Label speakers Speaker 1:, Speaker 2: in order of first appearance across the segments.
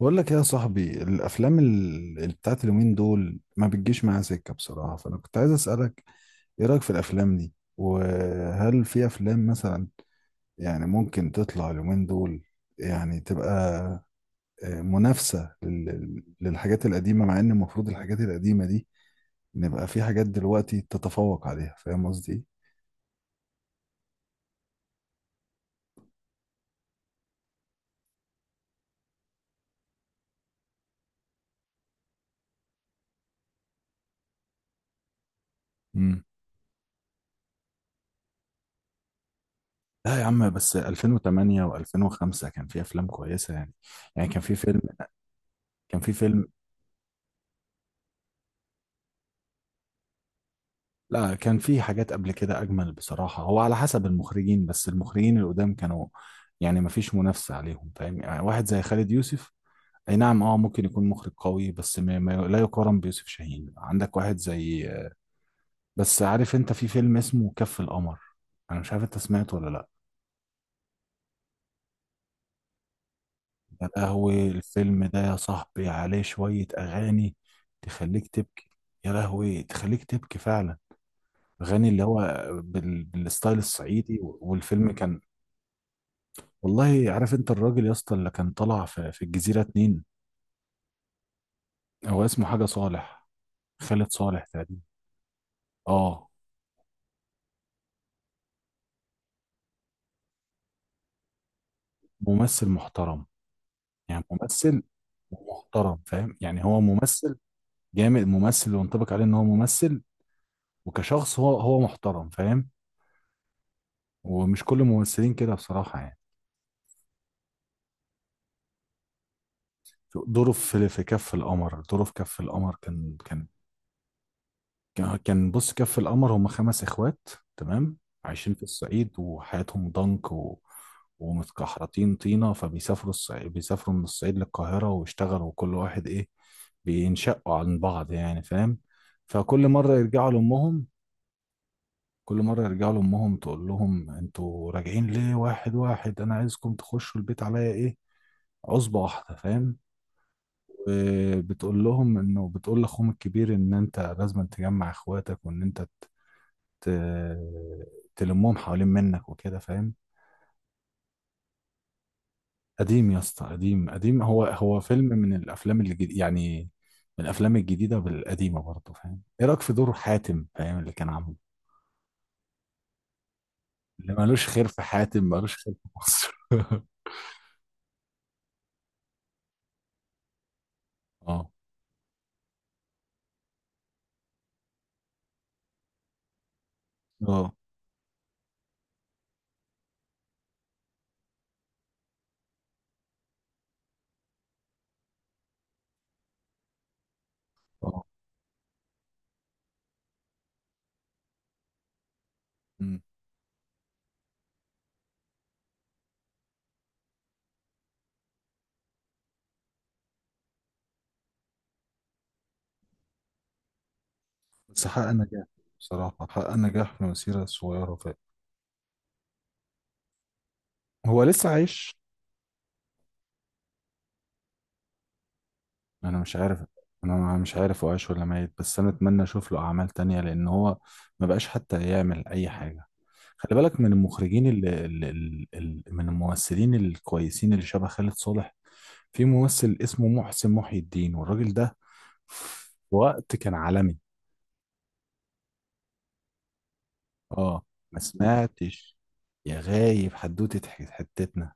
Speaker 1: بقول لك إيه يا صاحبي الافلام بتاعت اليومين دول ما بتجيش معايا سكه بصراحه، فانا كنت عايز اسالك ايه رايك في الافلام دي، وهل في افلام مثلا يعني ممكن تطلع اليومين دول يعني تبقى منافسه للحاجات القديمه، مع ان المفروض الحاجات القديمه دي نبقى في حاجات دلوقتي تتفوق عليها. فاهم قصدي إيه؟ امم. لا يا عم، بس 2008 و2005 كان في افلام كويسه يعني كان في فيلم. لا، كان في حاجات قبل كده اجمل بصراحه. هو على حسب المخرجين، بس المخرجين القدام كانوا يعني ما فيش منافسه عليهم، فاهم؟ يعني واحد زي خالد يوسف، اي نعم، اه ممكن يكون مخرج قوي، بس ما لا يقارن بيوسف شاهين. عندك واحد زي، بس عارف انت في فيلم اسمه كف القمر؟ انا مش عارف انت سمعته ولا لا. يا لهوي، الفيلم ده يا صاحبي عليه شويه اغاني تخليك تبكي. يا لهوي، تخليك تبكي فعلا. اغاني اللي هو بالستايل الصعيدي، والفيلم كان، والله عارف انت الراجل يا اسطى اللي كان طلع في الجزيرة اتنين، هو اسمه حاجة صالح، خالد صالح تقريبا. اه، ممثل محترم، يعني ممثل محترم، فاهم؟ يعني هو ممثل جامد، ممثل وينطبق عليه ان هو ممثل، وكشخص هو محترم، فاهم؟ ومش كل الممثلين كده بصراحة يعني. دوره في كف القمر دوره في كف القمر كان. كان بص، كف القمر هم خمس اخوات، تمام؟ عايشين في الصعيد وحياتهم ضنك، ومتكحرطين طينة، فبيسافروا الصعيد، بيسافروا من الصعيد للقاهرة ويشتغلوا وكل واحد ايه، بينشقوا عن بعض يعني، فاهم؟ فكل مرة يرجعوا لأمهم كل مرة يرجعوا لأمهم تقول لهم انتوا راجعين ليه، واحد واحد؟ انا عايزكم تخشوا البيت عليا ايه، عصبة واحدة، فاهم؟ وبتقول لهم انه، بتقول لاخوهم الكبير ان انت لازم تجمع اخواتك، وان انت ت- تلمهم حوالين منك وكده، فاهم؟ قديم يا اسطى، قديم قديم. هو فيلم من الافلام اللي يعني من الافلام الجديده بالقديمه برضه، فاهم؟ ايه رايك في دور حاتم، فاهم اللي كان عامله؟ اللي مالوش خير في حاتم مالوش خير في مصر. اه، اه، اه. أمم. بس حقق نجاح، بصراحة حقق نجاح في مسيرة صغيرة فعلا. هو لسه عايش؟ انا مش عارف انا مش عارف هو عايش ولا ميت، بس انا اتمنى اشوف له اعمال تانية، لان هو ما بقاش حتى يعمل اي حاجه. خلي بالك من المخرجين، ال ال ال ال من الممثلين الكويسين اللي شبه خالد صالح. في ممثل اسمه محسن محي الدين، والراجل ده في وقت كان عالمي. اه، ما سمعتش يا غايب حدوتة حتتنا؟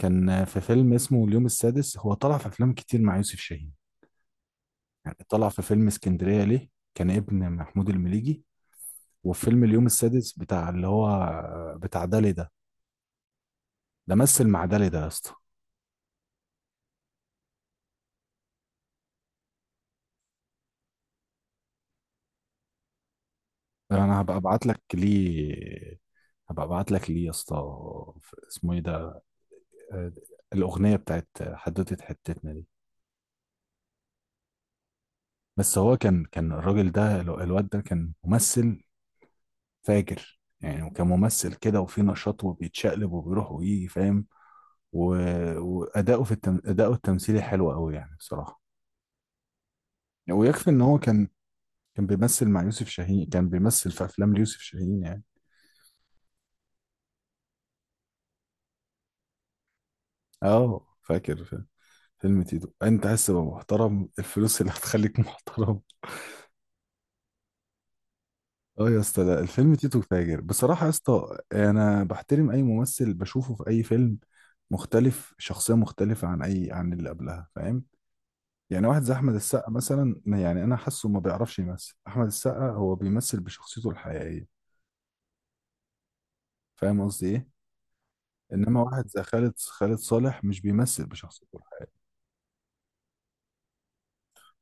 Speaker 1: كان في فيلم اسمه اليوم السادس، هو طلع في افلام كتير مع يوسف شاهين. يعني طلع في فيلم اسكندرية ليه، كان ابن محمود المليجي، وفيلم اليوم السادس بتاع اللي هو بتاع دالي ده. مثل مع دالي ده يا اسطى. انا هبقى ابعت لك ليه هبقى ابعت لك ليه يا اسطى. اسمه ايه ده، آه، الاغنيه بتاعت حدوته حتتنا دي. بس هو كان الراجل ده، الواد ده كان ممثل فاجر يعني، وكان ممثل كده وفي نشاط وبيتشقلب وبيروح ويجي، فاهم؟ و... اداؤه التمثيلي حلو قوي يعني، بصراحه. ويكفي ان هو كان بيمثل مع يوسف شاهين، كان بيمثل في افلام ليوسف شاهين يعني. اه، فاكر. فيلم تيتو انت عايز تبقى محترم، الفلوس اللي هتخليك محترم. اه يا اسطى، لا، الفيلم تيتو فاجر بصراحة يا اسطى. انا بحترم اي ممثل بشوفه في اي فيلم مختلف، شخصية مختلفة عن اي، عن اللي قبلها، فاهم؟ يعني واحد زي احمد السقا مثلا، يعني انا حاسه ما بيعرفش يمثل. احمد السقا هو بيمثل بشخصيته الحقيقية، فاهم قصدي ايه؟ انما واحد زي خالد صالح مش بيمثل بشخصيته الحقيقية.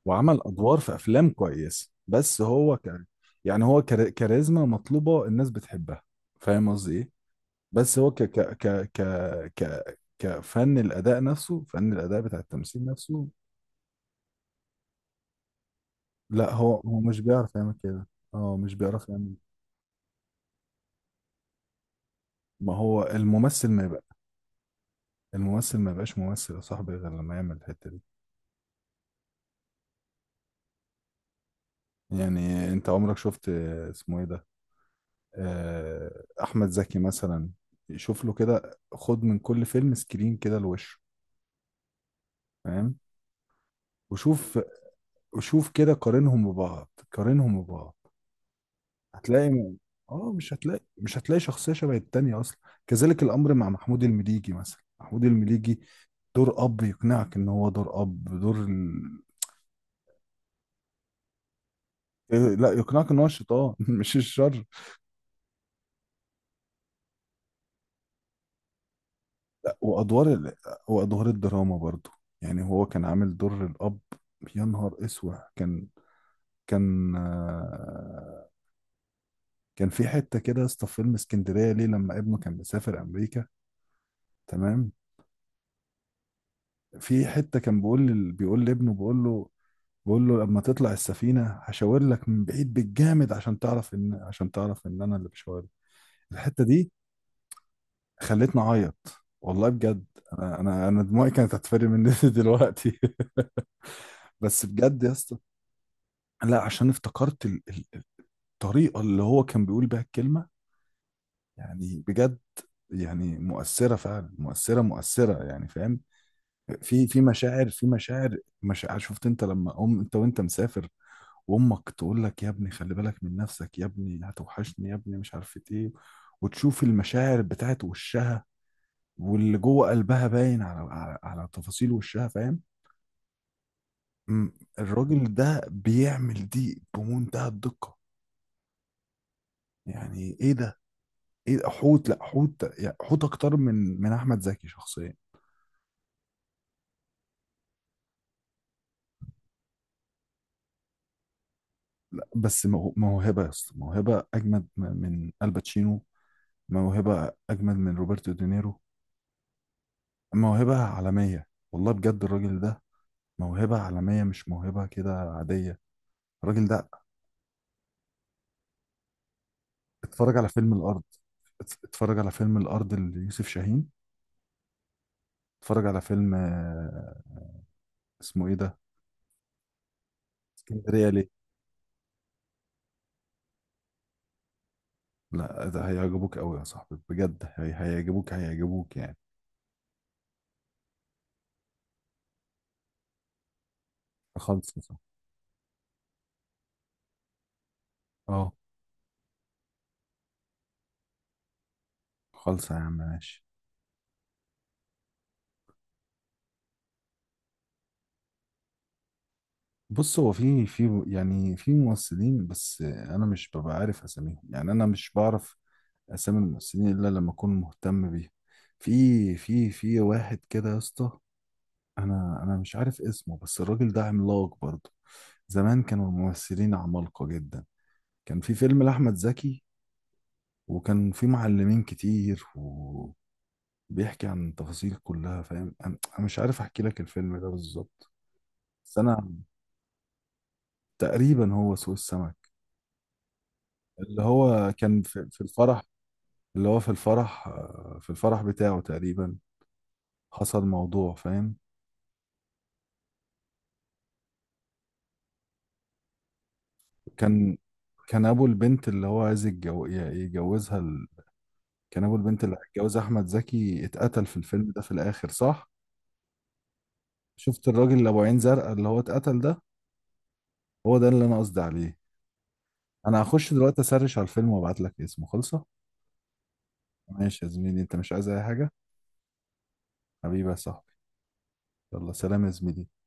Speaker 1: وعمل ادوار في افلام كويسه، بس هو يعني هو كاريزما مطلوبه، الناس بتحبها، فاهم قصدي ايه؟ بس هو كفن الاداء نفسه، فن الاداء بتاع التمثيل نفسه. لا، هو مش بيعرف يعمل كده. اه، مش بيعرف يعمل. ما هو الممثل ما يبقى، الممثل ما يبقاش ممثل يا صاحبي غير لما يعمل الحته دي. يعني انت عمرك شفت اسمه ايه ده، احمد زكي مثلا؟ شوف له كده، خد من كل فيلم سكرين كده لوشه، فاهم؟ وشوف وشوف كده، قارنهم ببعض، قارنهم ببعض. هتلاقي م- اه، مش هتلاقي شخصية شبه التانية أصلا. كذلك الأمر مع محمود المليجي مثلا، محمود المليجي دور أب يقنعك إن هو دور أب، لا، يقنعك إن هو الشيطان مش الشر. لا، وأدوار الدراما برضو. يعني هو كان عامل دور الأب، يا نهار اسوح. كان آه، كان في حته كده يا اسطى في فيلم اسكندريه ليه، لما ابنه كان مسافر امريكا، تمام؟ في حتة كان بيقول لي، بيقول لابنه، بيقول له لما تطلع السفينة هشاور لك من بعيد بالجامد، عشان تعرف ان انا اللي بشاور. الحتة دي خلتني اعيط، والله بجد. انا دموعي كانت هتفرق مني دلوقتي. بس بجد يا اسطى، لا عشان افتكرت الطريقة اللي هو كان بيقول بيها الكلمة. يعني بجد، يعني مؤثرة فعلا، مؤثرة مؤثرة يعني، فاهم؟ في مشاعر، في مشاعر مشاعر. شفت انت لما انت وانت مسافر، وامك تقول لك يا ابني خلي بالك من نفسك، يا ابني هتوحشني، يا ابني مش عارفه ايه، وتشوف المشاعر بتاعت وشها واللي جوه قلبها باين على تفاصيل وشها، فاهم؟ م- الراجل ده بيعمل دي بمنتهى الدقة، يعني ايه ده؟ حوت، لا حوت يعني، حوت اكتر من احمد زكي شخصيا. لا بس موهبة يا اسطى، موهبة اجمد من الباتشينو، موهبة اجمد من روبرتو دينيرو، موهبة عالمية، والله بجد. الراجل ده موهبة عالمية، مش موهبة كده عادية الراجل ده. اتفرج على فيلم الأرض، اتفرج على فيلم الأرض ليوسف شاهين. اتفرج على فيلم اسمه ايه ده، اسكندرية ليه. لا، ده هيعجبوك قوي يا صاحبي بجد، هيعجبوك يعني. خالص يا صاحبي. اه، خالص يا عم، ماشي. بص، هو في يعني في ممثلين، بس انا مش ببقى عارف اساميهم يعني، انا مش بعرف اسامي الممثلين الا لما اكون مهتم بيهم. في واحد كده يا اسطى، انا مش عارف اسمه، بس الراجل ده عملاق برضه. زمان كانوا الممثلين عمالقة جدا. كان في فيلم لأحمد زكي، وكان في معلمين كتير وبيحكي عن التفاصيل كلها، فاهم؟ انا مش عارف احكي لك الفيلم ده بالظبط، بس انا تقريبا هو سوق السمك. اللي هو كان في الفرح، اللي هو في الفرح آه، في الفرح بتاعه تقريبا، حصل موضوع، فاهم؟ كان كان ابو البنت اللي هو عايز يتجوزها، كان ابو البنت اللي هيتجوز احمد زكي، اتقتل في الفيلم ده في الاخر، صح؟ شفت الراجل اللي ابو عين زرقاء اللي هو اتقتل ده؟ هو ده اللي انا قصدي عليه. انا هخش دلوقتي اسرش على الفيلم وابعت لك اسمه، خلصه. ماشي يا زميلي، انت مش عايز اي حاجه؟ حبيبي يا صاحبي، يلا سلام يا زميلي.